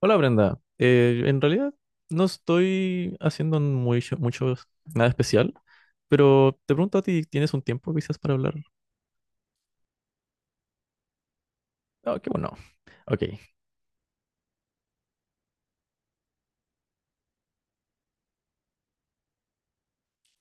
Hola Brenda, en realidad no estoy haciendo muy, mucho, nada especial, pero te pregunto a ti, ¿tienes un tiempo quizás para hablar? Ah, qué bueno. Ok,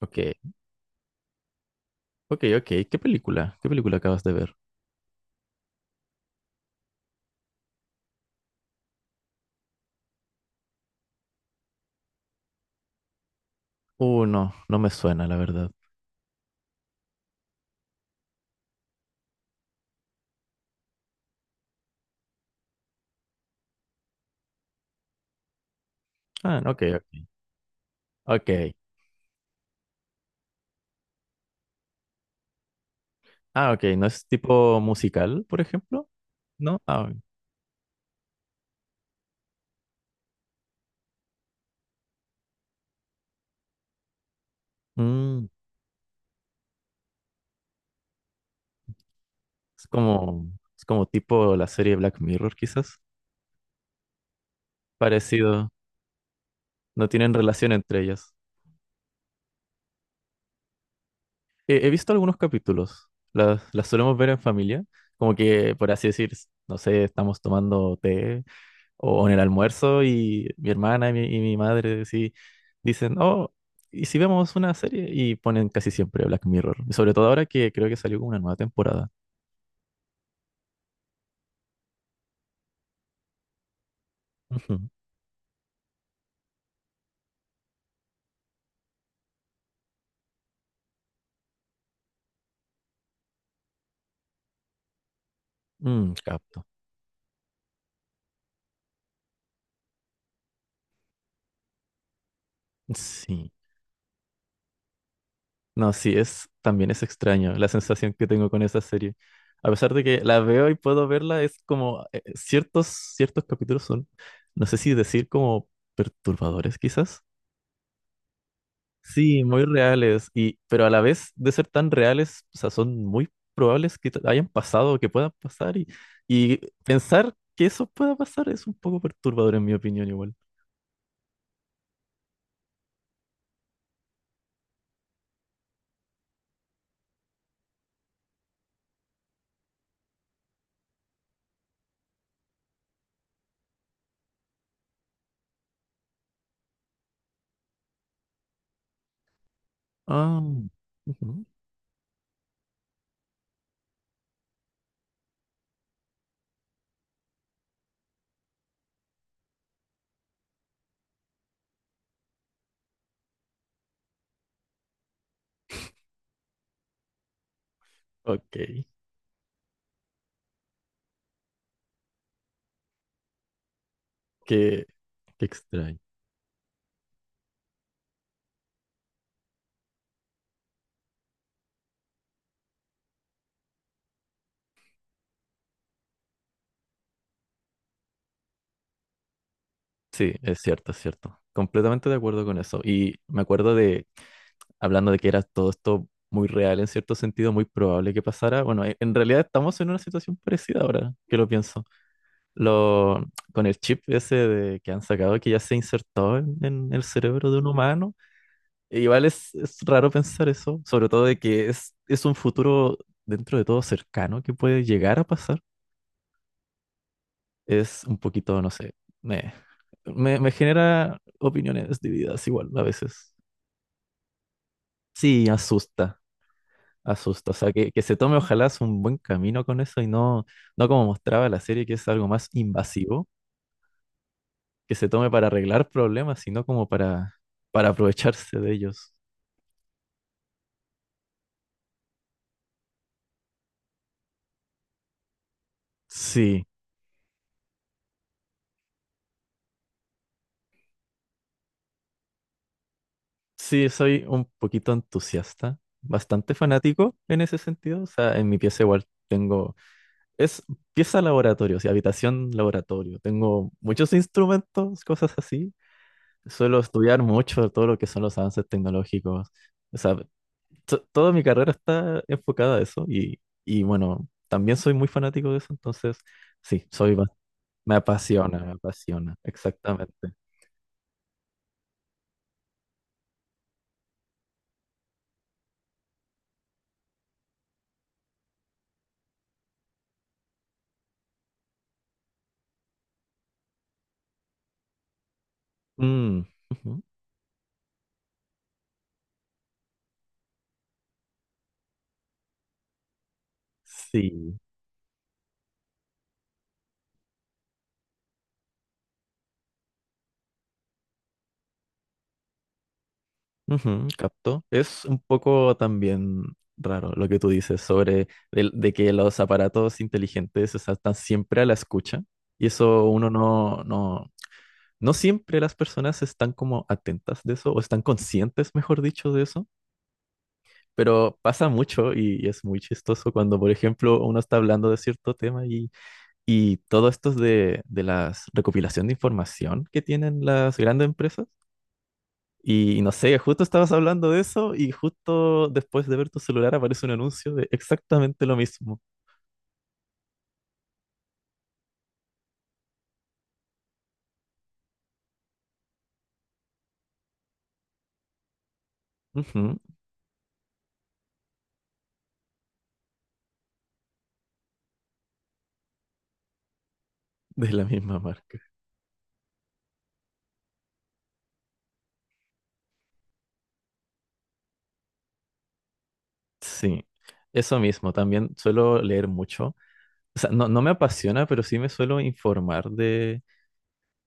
ok, ok, ok. ¿Qué película? ¿Qué película acabas de ver? No, no me suena, la verdad. Ah, ok, ok. Ok. Ah, ok, ¿no es tipo musical, por ejemplo? ¿No? Ah, mm, es como, es como tipo la serie Black Mirror, quizás. Parecido, no tienen relación entre ellas. He visto algunos capítulos, las solemos ver en familia, como que, por así decir, no sé, estamos tomando té o en el almuerzo y mi hermana y mi madre sí, dicen, oh, ¿y si vemos una serie? Y ponen casi siempre Black Mirror, y sobre todo ahora que creo que salió como una nueva temporada. Ujú. Mm, capto. Sí. No, sí, es, también es extraño la sensación que tengo con esa serie. A pesar de que la veo y puedo verla, es como ciertos capítulos son, no sé si decir como perturbadores quizás. Sí, muy reales, y, pero a la vez de ser tan reales, o sea, son muy probables que hayan pasado o que puedan pasar y pensar que eso pueda pasar es un poco perturbador en mi opinión igual. Ah, ujú, ok, qué, qué extraño. Sí, es cierto, es cierto. Completamente de acuerdo con eso. Y me acuerdo de, hablando de que era todo esto muy real, en cierto sentido, muy probable que pasara. Bueno, en realidad estamos en una situación parecida ahora, que lo pienso. Lo, con el chip ese de, que han sacado, que ya se insertó en el cerebro de un humano. E Igual es raro pensar eso, sobre todo de que es un futuro dentro de todo cercano que puede llegar a pasar. Es un poquito, no sé, me, me genera opiniones divididas igual a veces. Sí, asusta, asusta. O sea, que se tome ojalá es un buen camino con eso y no, no como mostraba la serie, que es algo más invasivo, que se tome para arreglar problemas, sino como para aprovecharse de ellos. Sí, sí, soy un poquito entusiasta, bastante fanático en ese sentido. O sea, en mi pieza igual tengo. Es pieza laboratorio, o sea, habitación laboratorio. Tengo muchos instrumentos, cosas así. Suelo estudiar mucho todo lo que son los avances tecnológicos. O sea, toda mi carrera está enfocada a eso y bueno, también soy muy fanático de eso, entonces sí, soy, me apasiona, exactamente. Mm, ujú. Sí. Ujú, capto. Es un poco también raro lo que tú dices sobre de, que los aparatos inteligentes, o sea, están siempre a la escucha y eso uno no, no, no siempre las personas están como atentas de eso o están conscientes, mejor dicho, de eso, pero pasa mucho y es muy chistoso cuando, por ejemplo, uno está hablando de cierto tema y todo esto es de las recopilación de información que tienen las grandes empresas. Y no sé, justo estabas hablando de eso y justo después de ver tu celular aparece un anuncio de exactamente lo mismo. Ujú, de la misma marca. Sí, eso mismo. También suelo leer mucho. O sea, no, no me apasiona, pero sí me suelo informar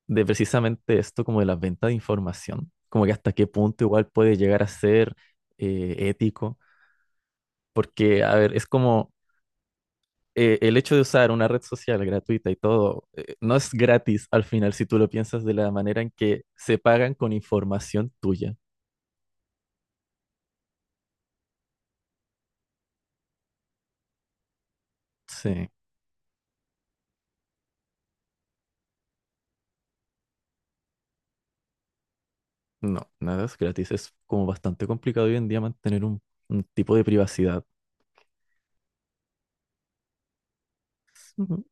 de precisamente esto, como de la venta de información. Como que hasta qué punto igual puede llegar a ser ético. Porque, a ver, es como el hecho de usar una red social gratuita y todo, no es gratis al final si tú lo piensas de la manera en que se pagan con información tuya. Sí, no, nada es gratis. Es como bastante complicado hoy en día mantener un tipo de privacidad. Ujú.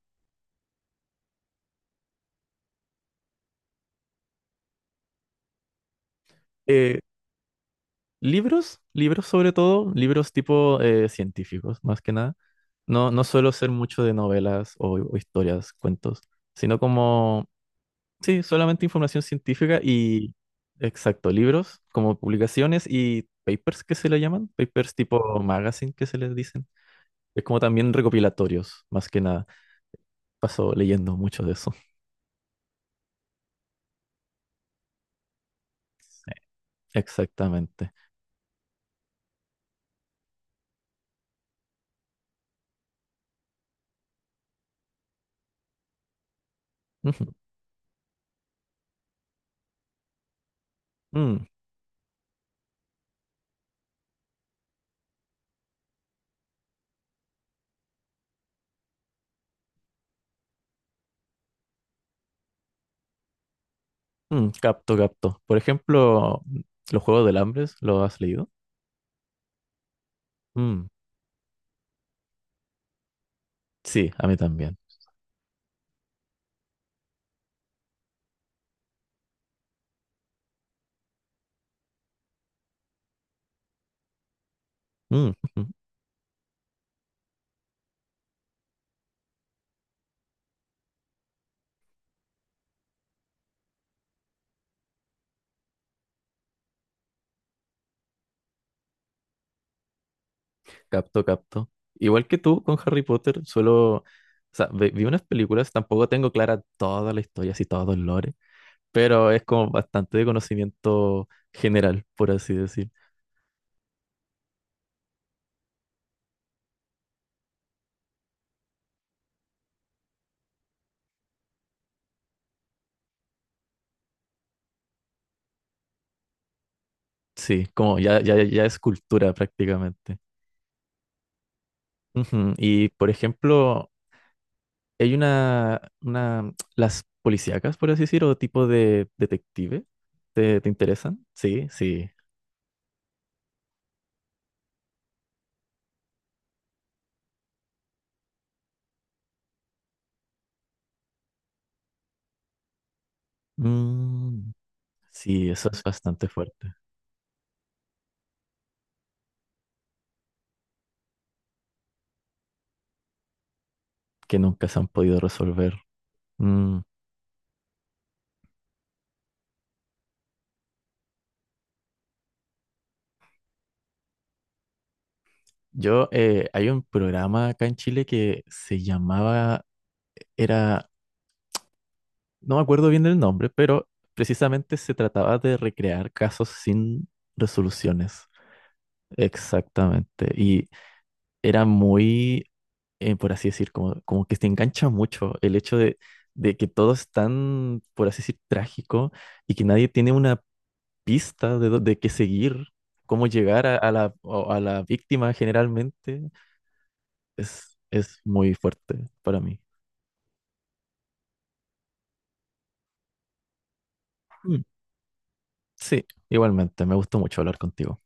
Eh, Libros, libros sobre todo, libros tipo científicos, más que nada. No, no suelo ser mucho de novelas o historias, cuentos, sino como. Sí, solamente información científica y, exacto, libros como publicaciones y papers que se le llaman, papers tipo magazine que se les dicen. Es como también recopilatorios, más que nada. Paso leyendo mucho de eso. Sí. Exactamente. Ujú. Mm, mm, capto, capto. Por ejemplo, los Juegos del Hambre, ¿lo has leído? Mm, sí, a mí también. Mm, ujú. Capto, capto. Igual que tú con Harry Potter, solo... O sea, vi unas películas, tampoco tengo clara toda la historia, así todo el lore, pero es como bastante de conocimiento general, por así decir. Sí, como ya, ya, ya es cultura prácticamente. Ujú, y por ejemplo, hay una, las policíacas, por así decir, o tipo de detective, te interesan? Sí, sí. Mm, sí, eso es bastante fuerte, que nunca se han podido resolver. Mm. Yo, hay un programa acá en Chile que se llamaba, era no me acuerdo bien del nombre, pero precisamente se trataba de recrear casos sin resoluciones. Exactamente. Y era muy, por así decir, como, como que te engancha mucho el hecho de que todo es tan, por así decir, trágico y que nadie tiene una pista de, de qué seguir, cómo llegar a la, a la víctima generalmente. Es muy fuerte para mí. Mm, sí, igualmente, me gustó mucho hablar contigo.